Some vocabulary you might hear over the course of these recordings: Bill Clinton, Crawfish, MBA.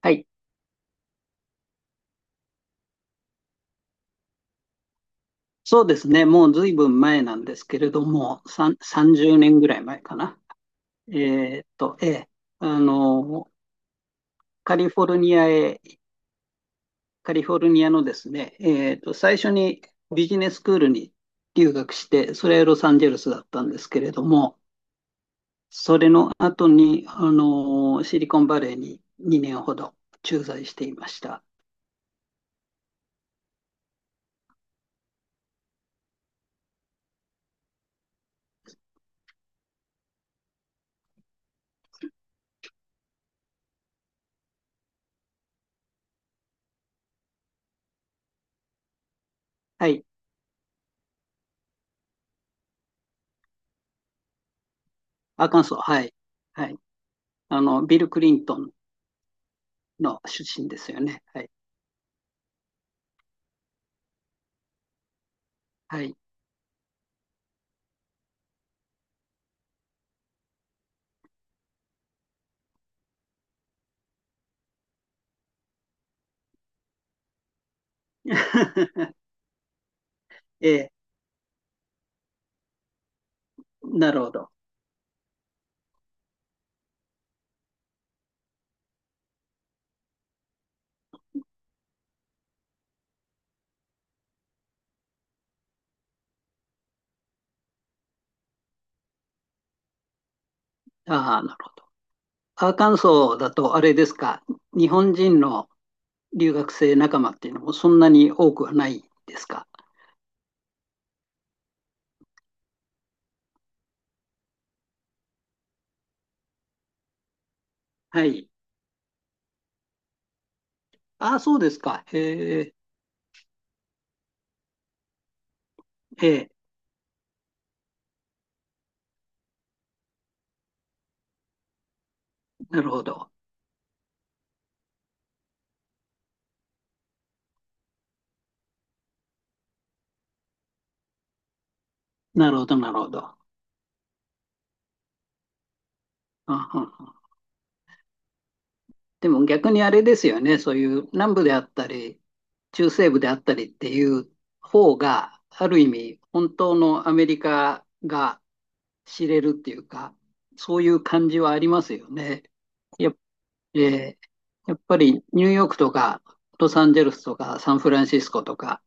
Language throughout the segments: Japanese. はい。そうですね。もうずいぶん前なんですけれども、30年ぐらい前かな。えーっと、ええ、あの、カリフォルニアへ、カリフォルニアのですね、最初にビジネススクールに留学して、それはロサンゼルスだったんですけれども、それの後に、シリコンバレーに2年ほど駐在していました。はい。アカンソー、はい。はい。ビル・クリントンの出身ですよね。はい。はい。ええ、なるほど。ああ、なるほど。アーカンソーだと、あれですか、日本人の留学生仲間っていうのもそんなに多くはないですか？はい。ああ、そうですか。へえ、ええ、なるほど。なるほど、なるほど。ああ、でも逆にあれですよね、そういう南部であったり、中西部であったりっていう方が、ある意味、本当のアメリカが知れるっていうか、そういう感じはありますよね。えーやっぱりニューヨークとかロサンゼルスとかサンフランシスコとか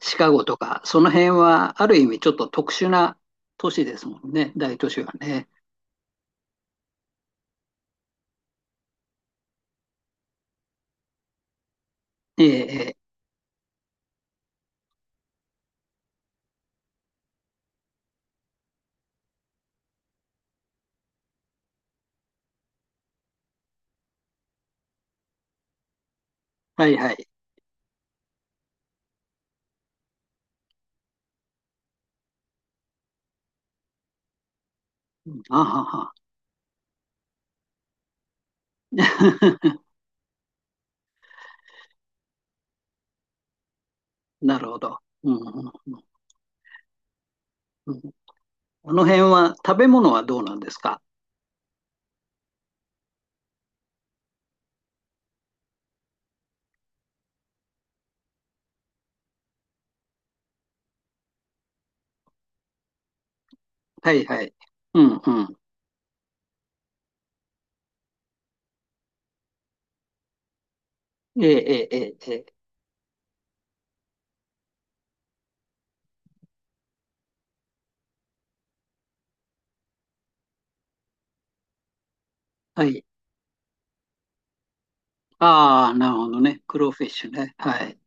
シカゴとかその辺はある意味ちょっと特殊な都市ですもんね、大都市はね。ええええ、はいはい。あはは。なるほど。うんうんうんうん、あの辺は食べ物はどうなんですか？はいはい。うんうん。ええええええ。ええ、はい。ああ、なるほどね。クローフィッシュね。はい。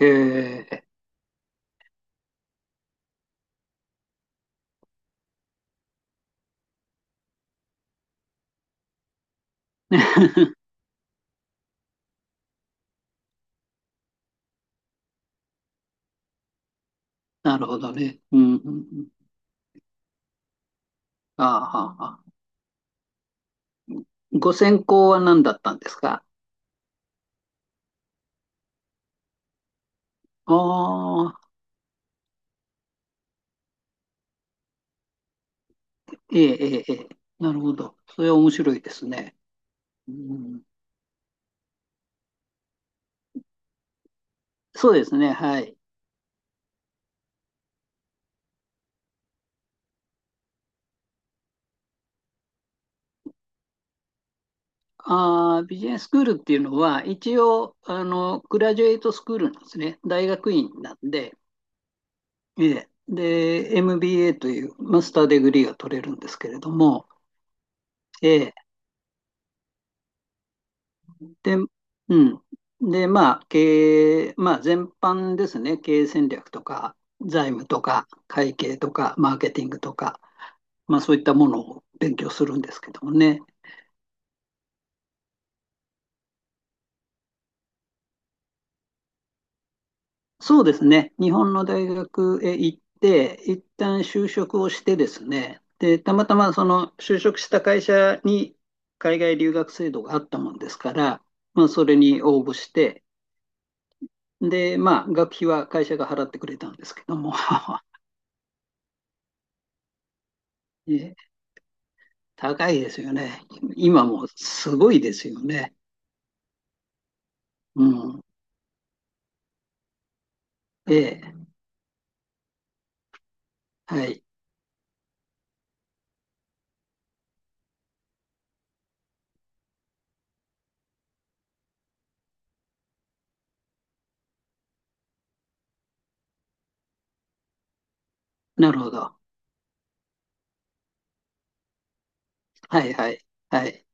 ええ なるほどね。うんうんうん、ああ、はあ、はあ、ご専攻は何だったんですか？ああ、ええ、ええ、ええ、なるほど。それは面白いですね。うん、そうですね、はい。ああ、ビジネススクールっていうのは、一応、グラジュエイトスクールなんですね。大学院なんで、ええ、で、MBA というマスターデグリーが取れるんですけれども、えで、うん。で、まあ、経営、まあ、全般ですね。経営戦略とか、財務とか、会計とか、マーケティングとか、まあ、そういったものを勉強するんですけどもね。そうですね。日本の大学へ行って、一旦就職をしてですね。で、たまたまその就職した会社に海外留学制度があったもんですから、まあ、それに応募して、で、まあ、学費は会社が払ってくれたんですけども、高いですよね。今もすごいですよね。うん。ええ。はい。なるほど。はいはい。はい。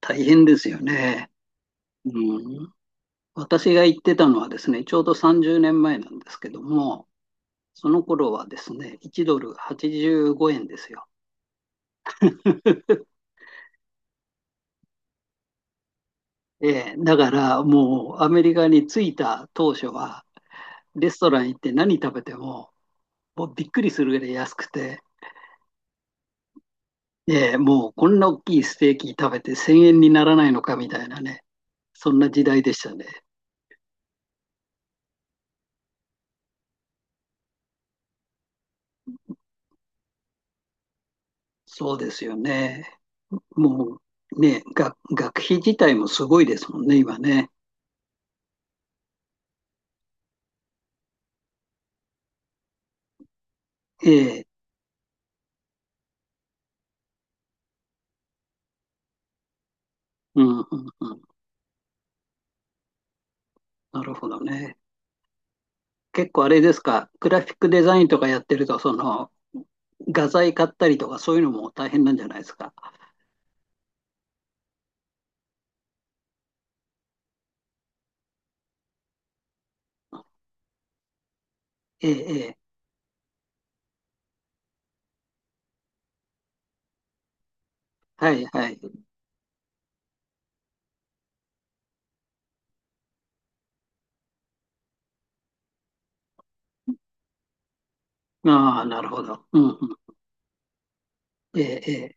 大変ですよね。うん。私が行ってたのはですね、ちょうど30年前なんですけども、その頃はですね、1ドル85円ですよ。ええ、だからもうアメリカに着いた当初は、レストラン行って何食べても、もうびっくりするぐらい安くて、ええ、もうこんな大きいステーキ食べて1000円にならないのかみたいなね、そんな時代でしたね。そうですよね。もうね、学費自体もすごいですもんね、今ね。ええ、うんうんうん。なるほどね。結構あれですか、グラフィックデザインとかやってると、その画材買ったりとかそういうのも大変なんじゃないですか？ええええ、はいはい。ああ、なるほど。うんうん。ええええ、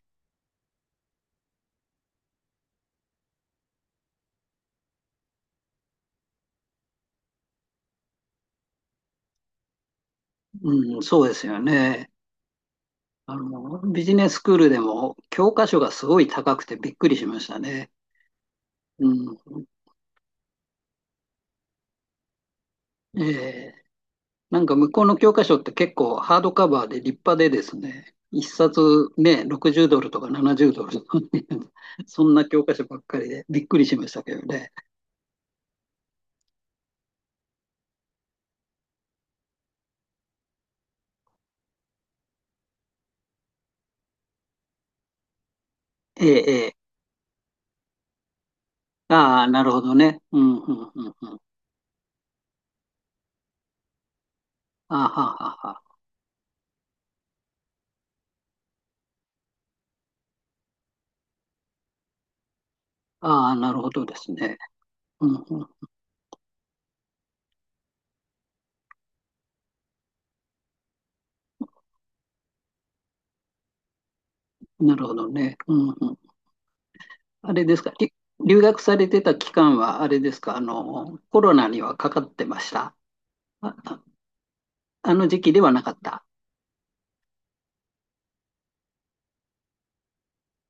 うん、そうですよね。ビジネススクールでも教科書がすごい高くてびっくりしましたね。うん。ええ、なんか向こうの教科書って結構ハードカバーで立派でですね、一冊ね、60ドルとか70ドルとかね そんな教科書ばっかりでびっくりしましたけどね。ええええ、ああ、なるほどね。うん、うん、うん、うん。ああ、はあはあはあ、ああ、なるほどですね。うん、うん。なるほどね。うん、うん。あれですか、留学されてた期間は、あれですか、コロナにはかかってました？あ、あの時期ではなかった？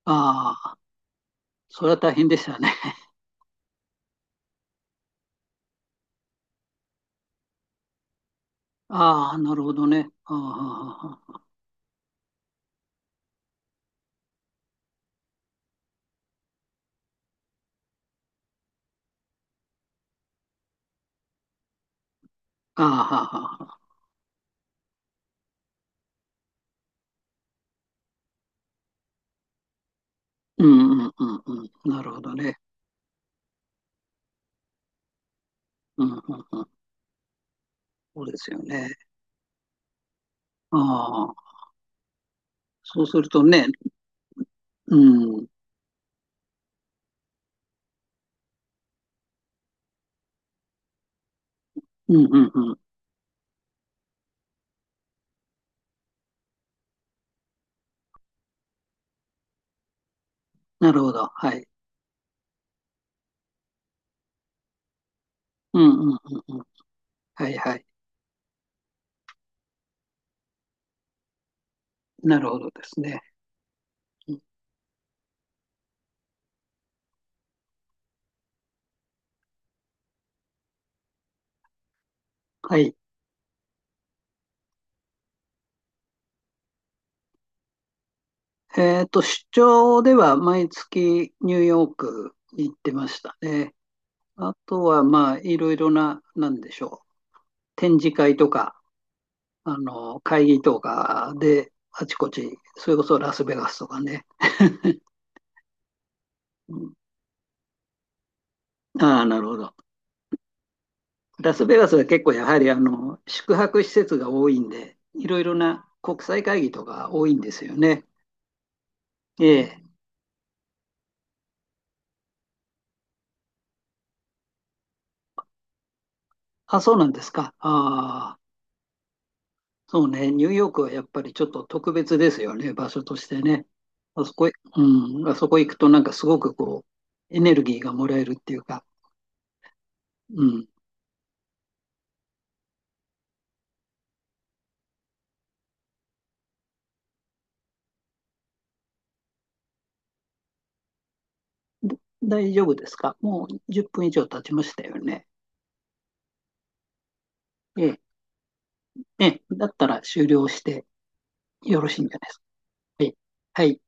ああ、それは大変でしたね。ああ、なるほどね。ああ、ああ、ああ、ああ、うんうんうんうん。なるほどね。うんうんうん。そうですよね。ああ、そうするとね、うん、うんうんうん。なるほど。はい。うんうんうんうん。はいはい。なるほどですね。うん、はい。出張では毎月ニューヨークに行ってましたね。あとは、まあ、いろいろな、なんでしょう。展示会とか、会議とかで、あちこち、それこそラスベガスとかね。うん、ああ、なるほど。ラスベガスは結構やはりあの宿泊施設が多いんで、いろいろな国際会議とか多いんですよね。ええ。あ、そうなんですか。ああ。そうね、ニューヨークはやっぱりちょっと特別ですよね、場所としてね。あそこ、うん、あそこ行くとなんかすごくこう、エネルギーがもらえるっていうか、うん。だ大丈夫ですか？もう10分以上経ちましたよね。ええ、ええ、だったら終了してよろしいんじゃないですか？ええ、はい。